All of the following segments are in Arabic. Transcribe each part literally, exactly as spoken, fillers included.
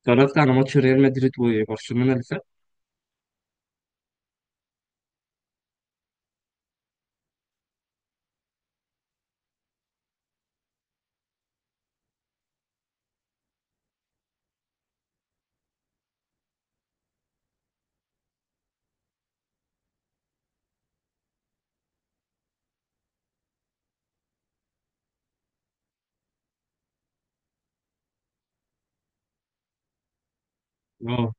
اتفرجت على ماتش ريال مدريد وبرشلونة اللي فات. اه،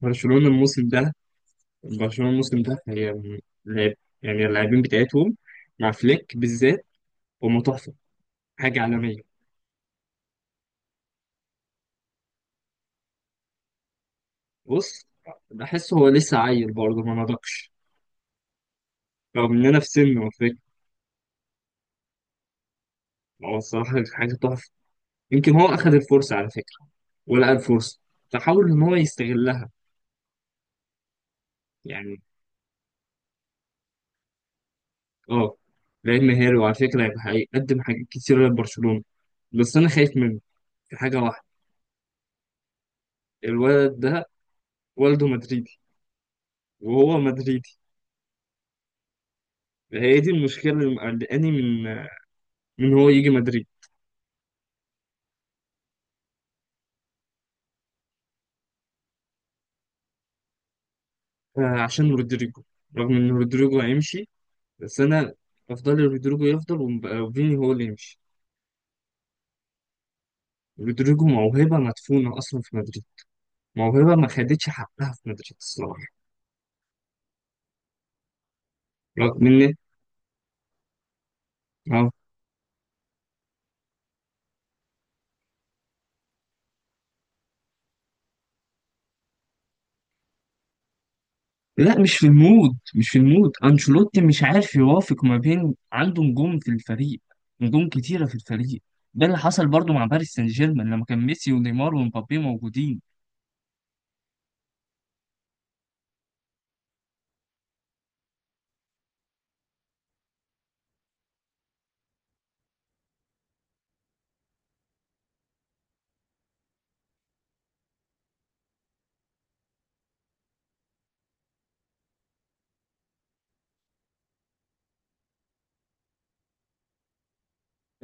برشلونة الموسم ده برشلونة الموسم ده هي م- لعب. يعني اللاعبين بتاعتهم مع فليك بالذات هم تحفة، حاجة عالمية. بص، بحس هو لسه عيل برضه ما نضجش رغم ان انا في سنه على فكرة. هو الصراحة حاجة تحفة. يمكن هو اخذ الفرصة على فكرة ولقى الفرصة فحاول ان هو يستغلها. يعني اه لعيب مهاري وعلى فكرة هيبقى هيقدم حاجات كتيرة لبرشلونة. بس انا خايف منه في حاجة واحدة. الولد ده والده مدريدي وهو مدريدي. هي دي المشكلة اللي مقلقاني من من هو يجي مدريد. آه، عشان رودريجو. رغم إن رودريجو هيمشي، بس أنا أفضل رودريجو يفضل ومبقى وفيني هو اللي يمشي. رودريجو موهبة مدفونة أصلا في مدريد، موهبة ما خدتش حقها في مدريد الصراحة. رغم إن أه لا، مش في المود مش في المود أنشيلوتي مش عارف يوافق ما بين عنده نجوم في الفريق، نجوم كتيرة في الفريق. ده اللي حصل برضو مع باريس سان جيرمان لما كان ميسي ونيمار ومبابي موجودين.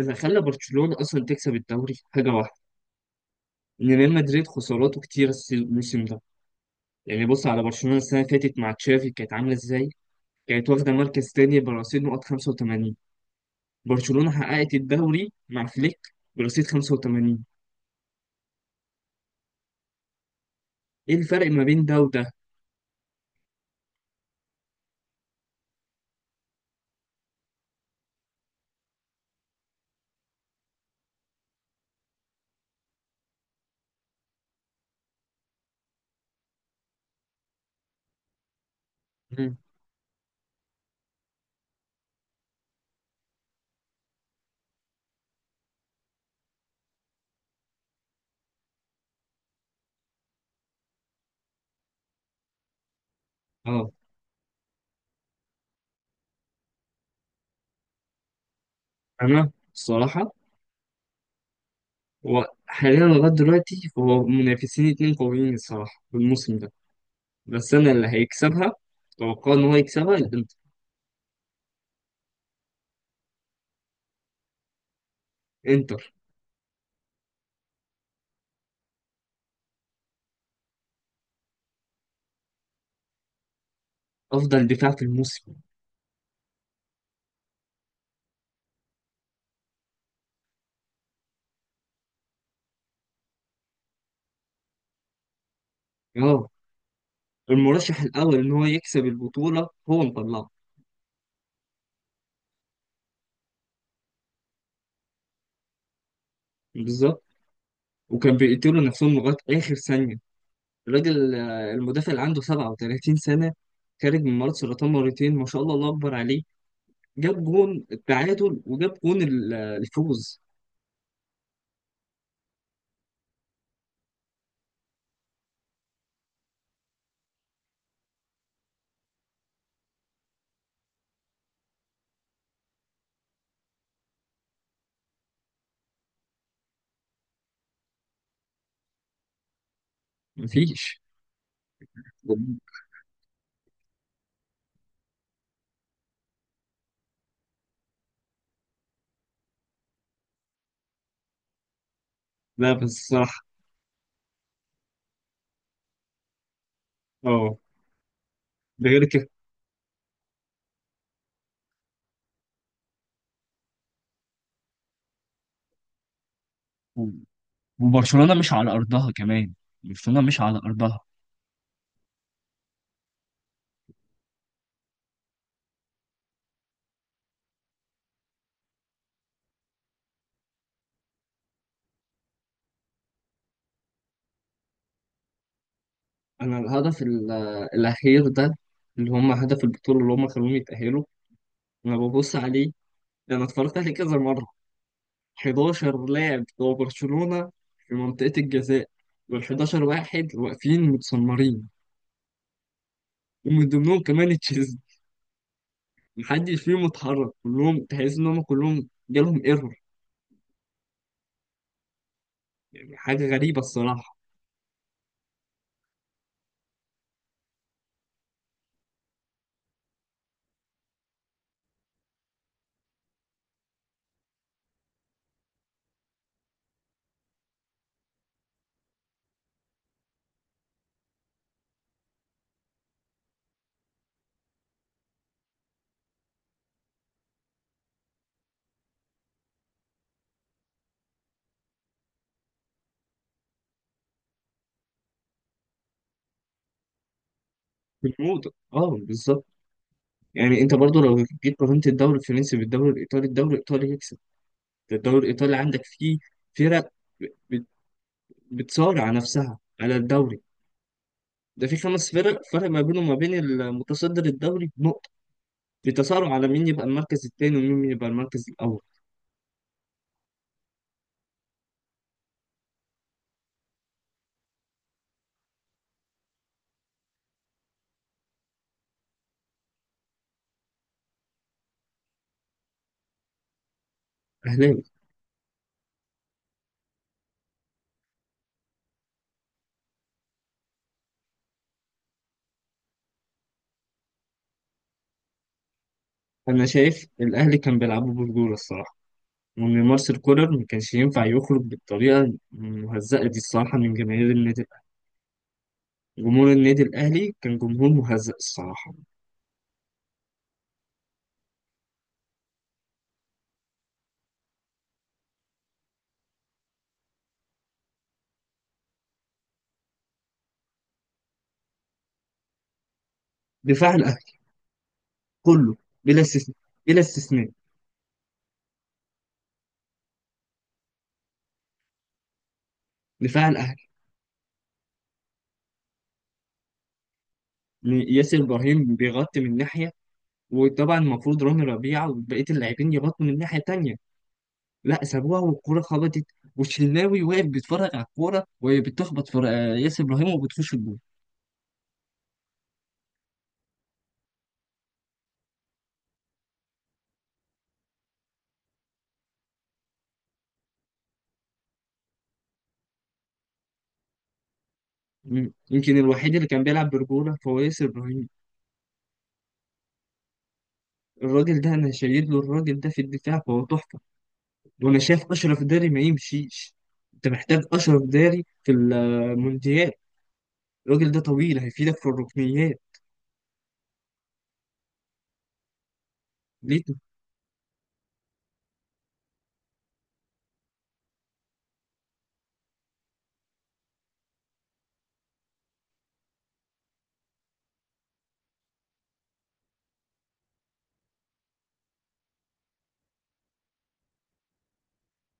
اللي خلى برشلونة أصلا تكسب الدوري حاجة واحدة، إن ريال مدريد خساراته كتير الس- الموسم ده. يعني بص على برشلونة السنة اللي فاتت مع تشافي كانت عاملة إزاي. كانت واخدة مركز تاني برصيد نقط خمسة وتمانين. برشلونة حققت الدوري مع فليك برصيد خمسة وتمانين. إيه الفرق ما بين ده وده؟ مم. اه، انا الصراحه هو حاليا لغايه دلوقتي هو منافسين اتنين قويين الصراحه في الموسم ده. بس انا اللي هيكسبها اتوقع ان هو يكسبها الانتر. انتر. افضل دفاع في الموسم. اه، المرشح الأول إن هو يكسب البطولة هو مطلعه. بالظبط، وكان بيقتلوا نفسهم لغاية آخر ثانية. الراجل، آه، المدافع اللي عنده سبعة وثلاثون سنة، خارج من مرض سرطان مرتين، ما شاء الله، الله أكبر عليه. جاب جون التعادل وجاب جون ال- آه، الفوز. مفيش. لا بس الصراحة اه، ده غير كده. وبرشلونة مش على أرضها كمان، برشلونة مش على أرضها. أنا الهدف ال- آه، الأخير ده، اللي هم هدف البطولة اللي هم خلوهم يتأهلوا، أنا ببص عليه. ده انا اتفرجت عليه كذا مره. احداشر لاعب بتوع برشلونه في منطقه الجزاء، وال احداشر واحد واقفين متسمرين، ومن ضمنهم كمان تشيزني. محدش فيهم اتحرك، كلهم تحس ان هم كلهم جالهم ايرور. يعني حاجه غريبه الصراحه. في الموضوع اه، بالظبط. يعني انت برضو لو جيت قارنت الدوري الفرنسي بالدوري الايطالي، الدوري الايطالي يكسب. ده الدوري الايطالي عندك فيه فرق بت- بتصارع نفسها على الدوري. ده في خمس فرق، فرق ما بينهم وما بين المتصدر الدوري، بتصارع على مين يبقى المركز التاني ومين يبقى المركز الأول. أهلاوي. أنا شايف الأهلي كان بيلعبوا برجولة الصراحة، وإن مارسيل كولر ما كانش ينفع يخرج بالطريقة المهزأة دي الصراحة من جماهير النادي الأهلي. جمهور النادي الأهلي كان جمهور مهزأ الصراحة. دفاع الأهلي كله، بلا استثناء، بلا استثناء. دفاع الأهلي. ياسر إبراهيم بيغطي من ناحية، وطبعا المفروض رامي ربيعة وبقية اللاعبين يغطوا من ناحية تانية. لا، سابوها والكورة خبطت. والشناوي واقف بيتفرج على الكورة وهي بتخبط في آه، ياسر إبراهيم وبتخش الجول. مم. يمكن الوحيد اللي كان بيلعب برجولة فهو ياسر إبراهيم. الراجل ده أنا شايل له، الراجل ده في الدفاع فهو تحفة. وأنا شايف أشرف داري ما يمشيش، أنت محتاج أشرف داري في المونديال. الراجل ده طويل هيفيدك في الركنيات. ليه؟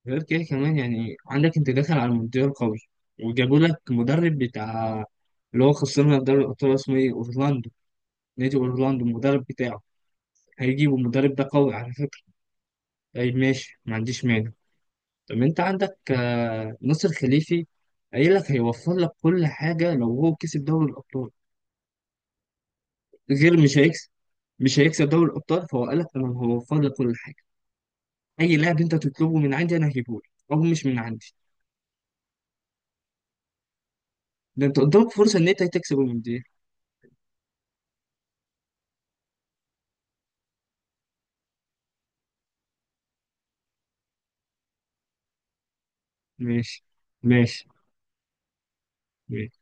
غير كده كمان، يعني عندك أنت داخل على المونديال قوي وجابوا لك مدرب بتاع اللي هو خسرنا دوري الأبطال اسمه إيه أورلاندو، نادي اورلاندو المدرب بتاعه. هيجيبوا المدرب ده قوي على فكره. اي ماشي، ما عنديش مانع. طب انت عندك آه، ناصر خليفي قايل لك هيوفر لك كل حاجه لو هو كسب دوري الابطال. غير مش هيكسب، مش هيكسب دوري الابطال فهو قال لك انا هوفر لك كل حاجه، اي لاعب انت تطلبه من عندي انا هجيبه لك او مش من عندي. ده انت قدامك فرصه ان انت تكسب المونديال. ماشي، ماشي، ماشي.